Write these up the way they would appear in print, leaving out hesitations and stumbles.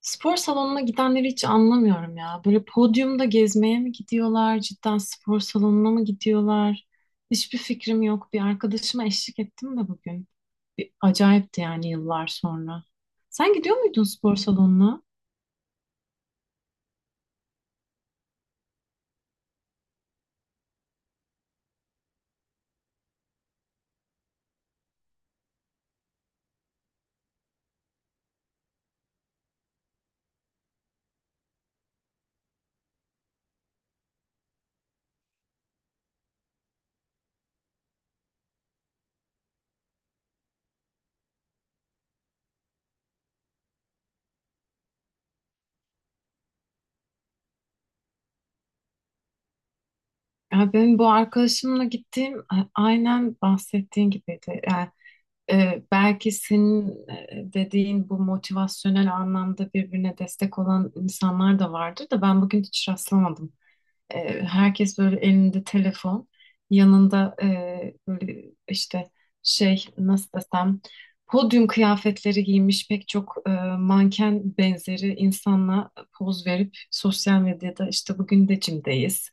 Spor salonuna gidenleri hiç anlamıyorum ya. Böyle podyumda gezmeye mi gidiyorlar, cidden spor salonuna mı gidiyorlar? Hiçbir fikrim yok. Bir arkadaşıma eşlik ettim de bugün. Bir acayipti yani yıllar sonra. Sen gidiyor muydun spor salonuna? Ya benim bu arkadaşımla gittiğim aynen bahsettiğin gibiydi. Yani, belki senin dediğin bu motivasyonel anlamda birbirine destek olan insanlar da vardır da ben bugün hiç rastlamadım. Herkes böyle elinde telefon, yanında böyle işte şey nasıl desem podyum kıyafetleri giymiş pek çok manken benzeri insanla poz verip sosyal medyada işte bugün de cimdeyiz.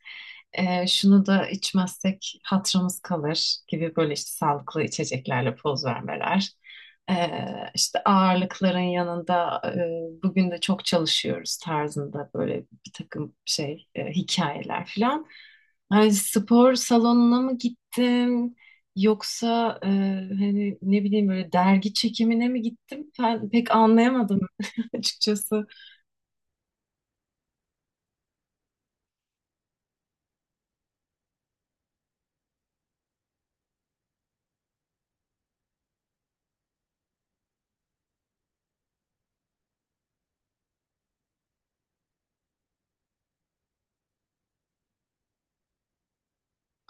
Şunu da içmezsek hatırımız kalır gibi böyle işte sağlıklı içeceklerle poz vermeler. İşte ağırlıkların yanında bugün de çok çalışıyoruz tarzında böyle bir takım şey, hikayeler falan. Hani spor salonuna mı gittim yoksa hani ne bileyim böyle dergi çekimine mi gittim? Ben pek anlayamadım açıkçası.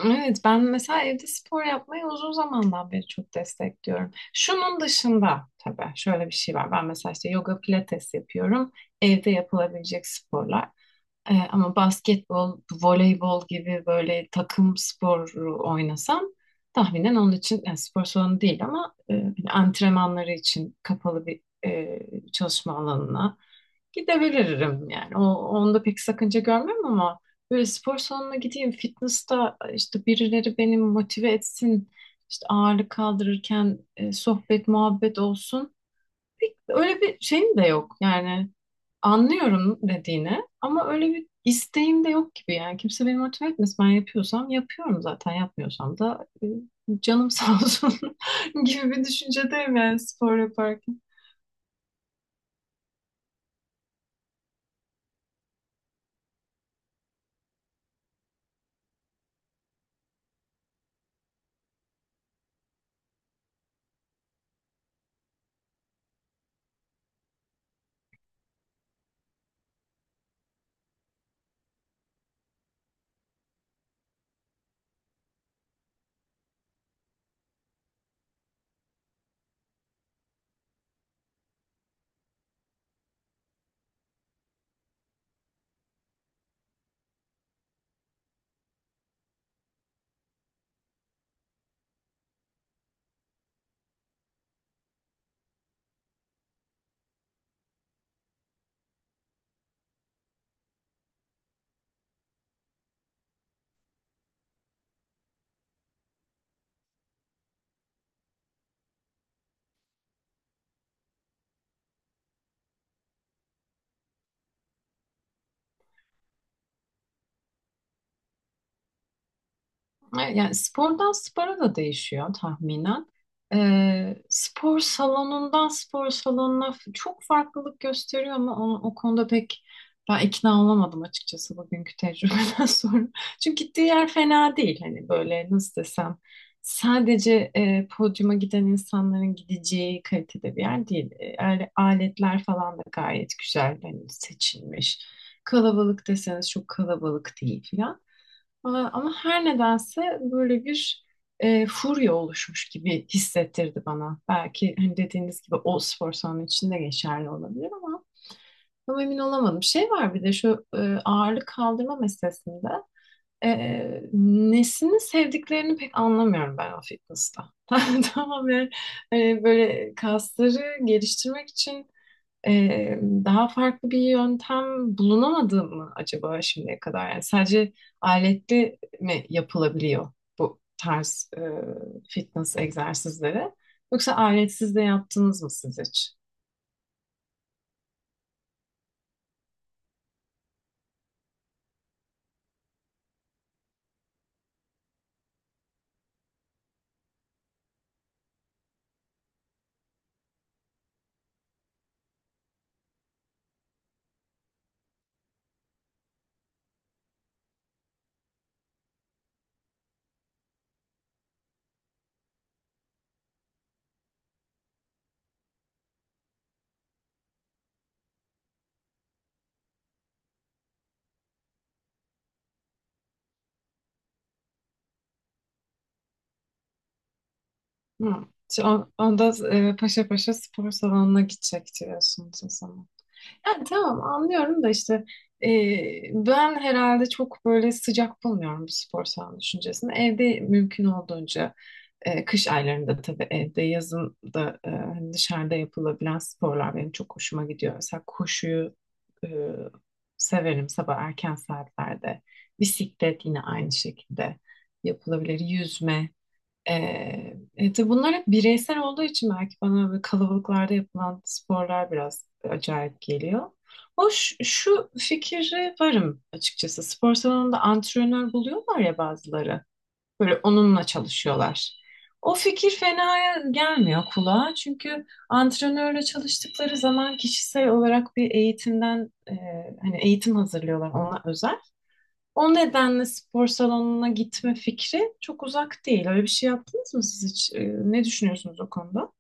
Evet ben mesela evde spor yapmayı uzun zamandan beri çok destekliyorum. Şunun dışında tabii şöyle bir şey var. Ben mesela işte yoga pilates yapıyorum. Evde yapılabilecek sporlar. Ama basketbol, voleybol gibi böyle takım sporu oynasam tahminen onun için yani spor salonu değil ama hani antrenmanları için kapalı bir e, çalışma alanına gidebilirim yani. Onda pek sakınca görmem ama böyle spor salonuna gideyim fitness'ta işte birileri beni motive etsin işte ağırlık kaldırırken sohbet muhabbet olsun. Öyle bir şeyim de yok yani. Anlıyorum dediğini ama öyle bir isteğim de yok gibi yani. Kimse beni motive etmez. Ben yapıyorsam yapıyorum zaten. Yapmıyorsam da canım sağ olsun gibi bir düşüncedeyim yani spor yaparken. Evet, yani spordan spora da değişiyor tahminen. Spor salonundan spor salonuna çok farklılık gösteriyor ama o konuda pek ben ikna olamadım açıkçası bugünkü tecrübeden sonra. Çünkü gittiği yer fena değil. Hani böyle nasıl desem sadece podyuma giden insanların gideceği kalitede bir yer değil. Aletler falan da gayet güzel hani seçilmiş. Kalabalık deseniz çok kalabalık değil falan. Aa, ama her nedense böyle bir furya oluşmuş gibi hissettirdi bana. Belki hani dediğiniz gibi o spor salonu içinde geçerli olabilir ama tam emin olamadım. Şey var bir de şu ağırlık kaldırma meselesinde e, nesini sevdiklerini pek anlamıyorum ben o fitness'ta. Tamamen böyle kasları geliştirmek için daha farklı bir yöntem bulunamadı mı acaba şimdiye kadar? Yani sadece aletli mi yapılabiliyor bu tarz fitness egzersizleri? Yoksa aletsiz de yaptınız mı siz hiç? Hı. Onda paşa paşa spor salonuna gidecek diyorsunuz o zaman. Yani tamam anlıyorum da işte e, ben herhalde çok böyle sıcak bulmuyorum bu spor salonu düşüncesini. Evde mümkün olduğunca kış aylarında tabii evde yazın da hani dışarıda yapılabilen sporlar benim çok hoşuma gidiyor. Mesela koşuyu e, severim sabah erken saatlerde. Bisiklet yine aynı şekilde yapılabilir. Yüzme. Ee, tabii bunlar hep bireysel olduğu için belki bana böyle kalabalıklarda yapılan sporlar biraz acayip geliyor. Hoş şu fikri varım açıkçası. Spor salonunda antrenör buluyorlar ya bazıları. Böyle onunla çalışıyorlar. O fikir fena gelmiyor kulağa. Çünkü antrenörle çalıştıkları zaman kişisel olarak bir eğitimden hani eğitim hazırlıyorlar ona özel. O nedenle spor salonuna gitme fikri çok uzak değil. Öyle bir şey yaptınız mı siz hiç? Ne düşünüyorsunuz o konuda?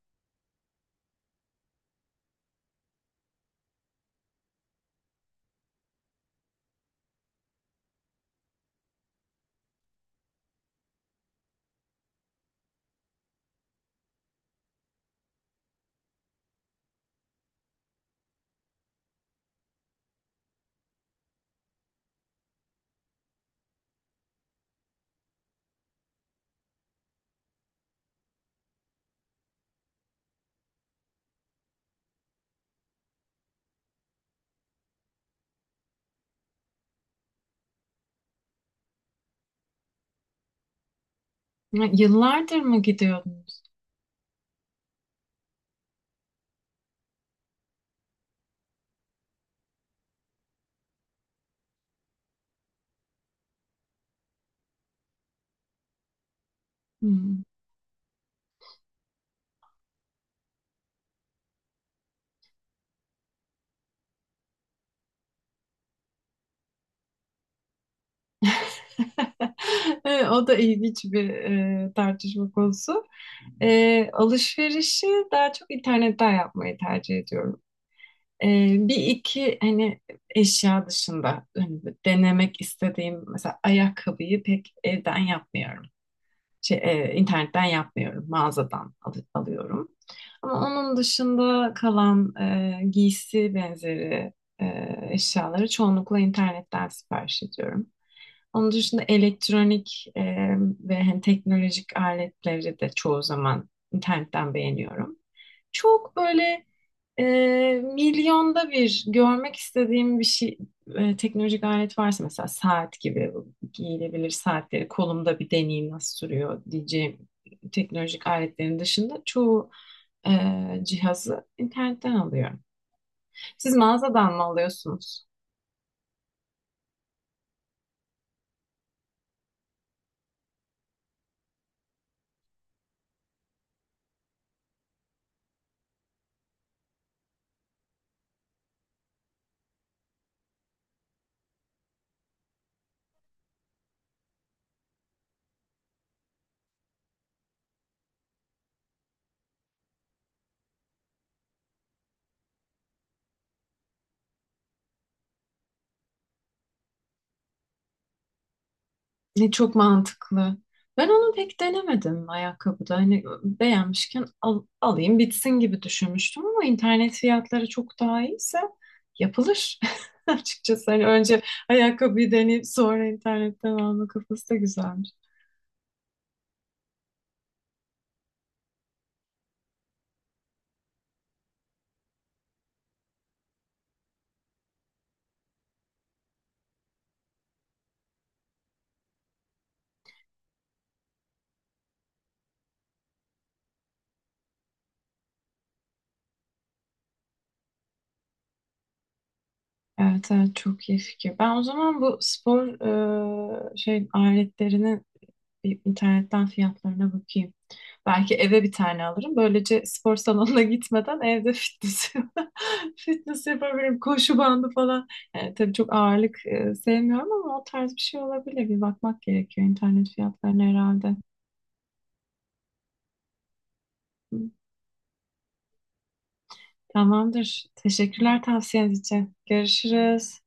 Ha, yıllardır mı gidiyordunuz? Hmm. Evet, o da ilginç bir tartışma konusu. Alışverişi daha çok internetten yapmayı tercih ediyorum. Bir iki hani eşya dışında hani denemek istediğim mesela ayakkabıyı pek evden yapmıyorum. Şey, internetten yapmıyorum, mağazadan alıyorum. Ama onun dışında kalan giysi benzeri e, eşyaları çoğunlukla internetten sipariş ediyorum. Onun dışında elektronik ve hani teknolojik aletleri de çoğu zaman internetten beğeniyorum. Çok böyle e, milyonda bir görmek istediğim bir şey teknolojik alet varsa mesela saat gibi bu giyilebilir saatleri kolumda bir deneyim nasıl sürüyor diyeceğim teknolojik aletlerin dışında çoğu e, cihazı internetten alıyorum. Siz mağazadan mı alıyorsunuz? Ne çok mantıklı. Ben onu pek denemedim ayakkabıda. Hani beğenmişken alayım bitsin gibi düşünmüştüm ama internet fiyatları çok daha iyiyse yapılır. Açıkçası hani önce ayakkabıyı deneyip sonra internetten alma kafası da güzelmiş. Evet, evet çok iyi fikir. Ben o zaman bu spor şey aletlerinin bir internetten fiyatlarına bakayım. Belki eve bir tane alırım. Böylece spor salonuna gitmeden evde fitness, fitness yapabilirim. Koşu bandı falan. Yani tabii çok ağırlık sevmiyorum ama o tarz bir şey olabilir. Bir bakmak gerekiyor internet fiyatlarına herhalde. Hı, tamamdır. Teşekkürler tavsiyeniz için. Görüşürüz.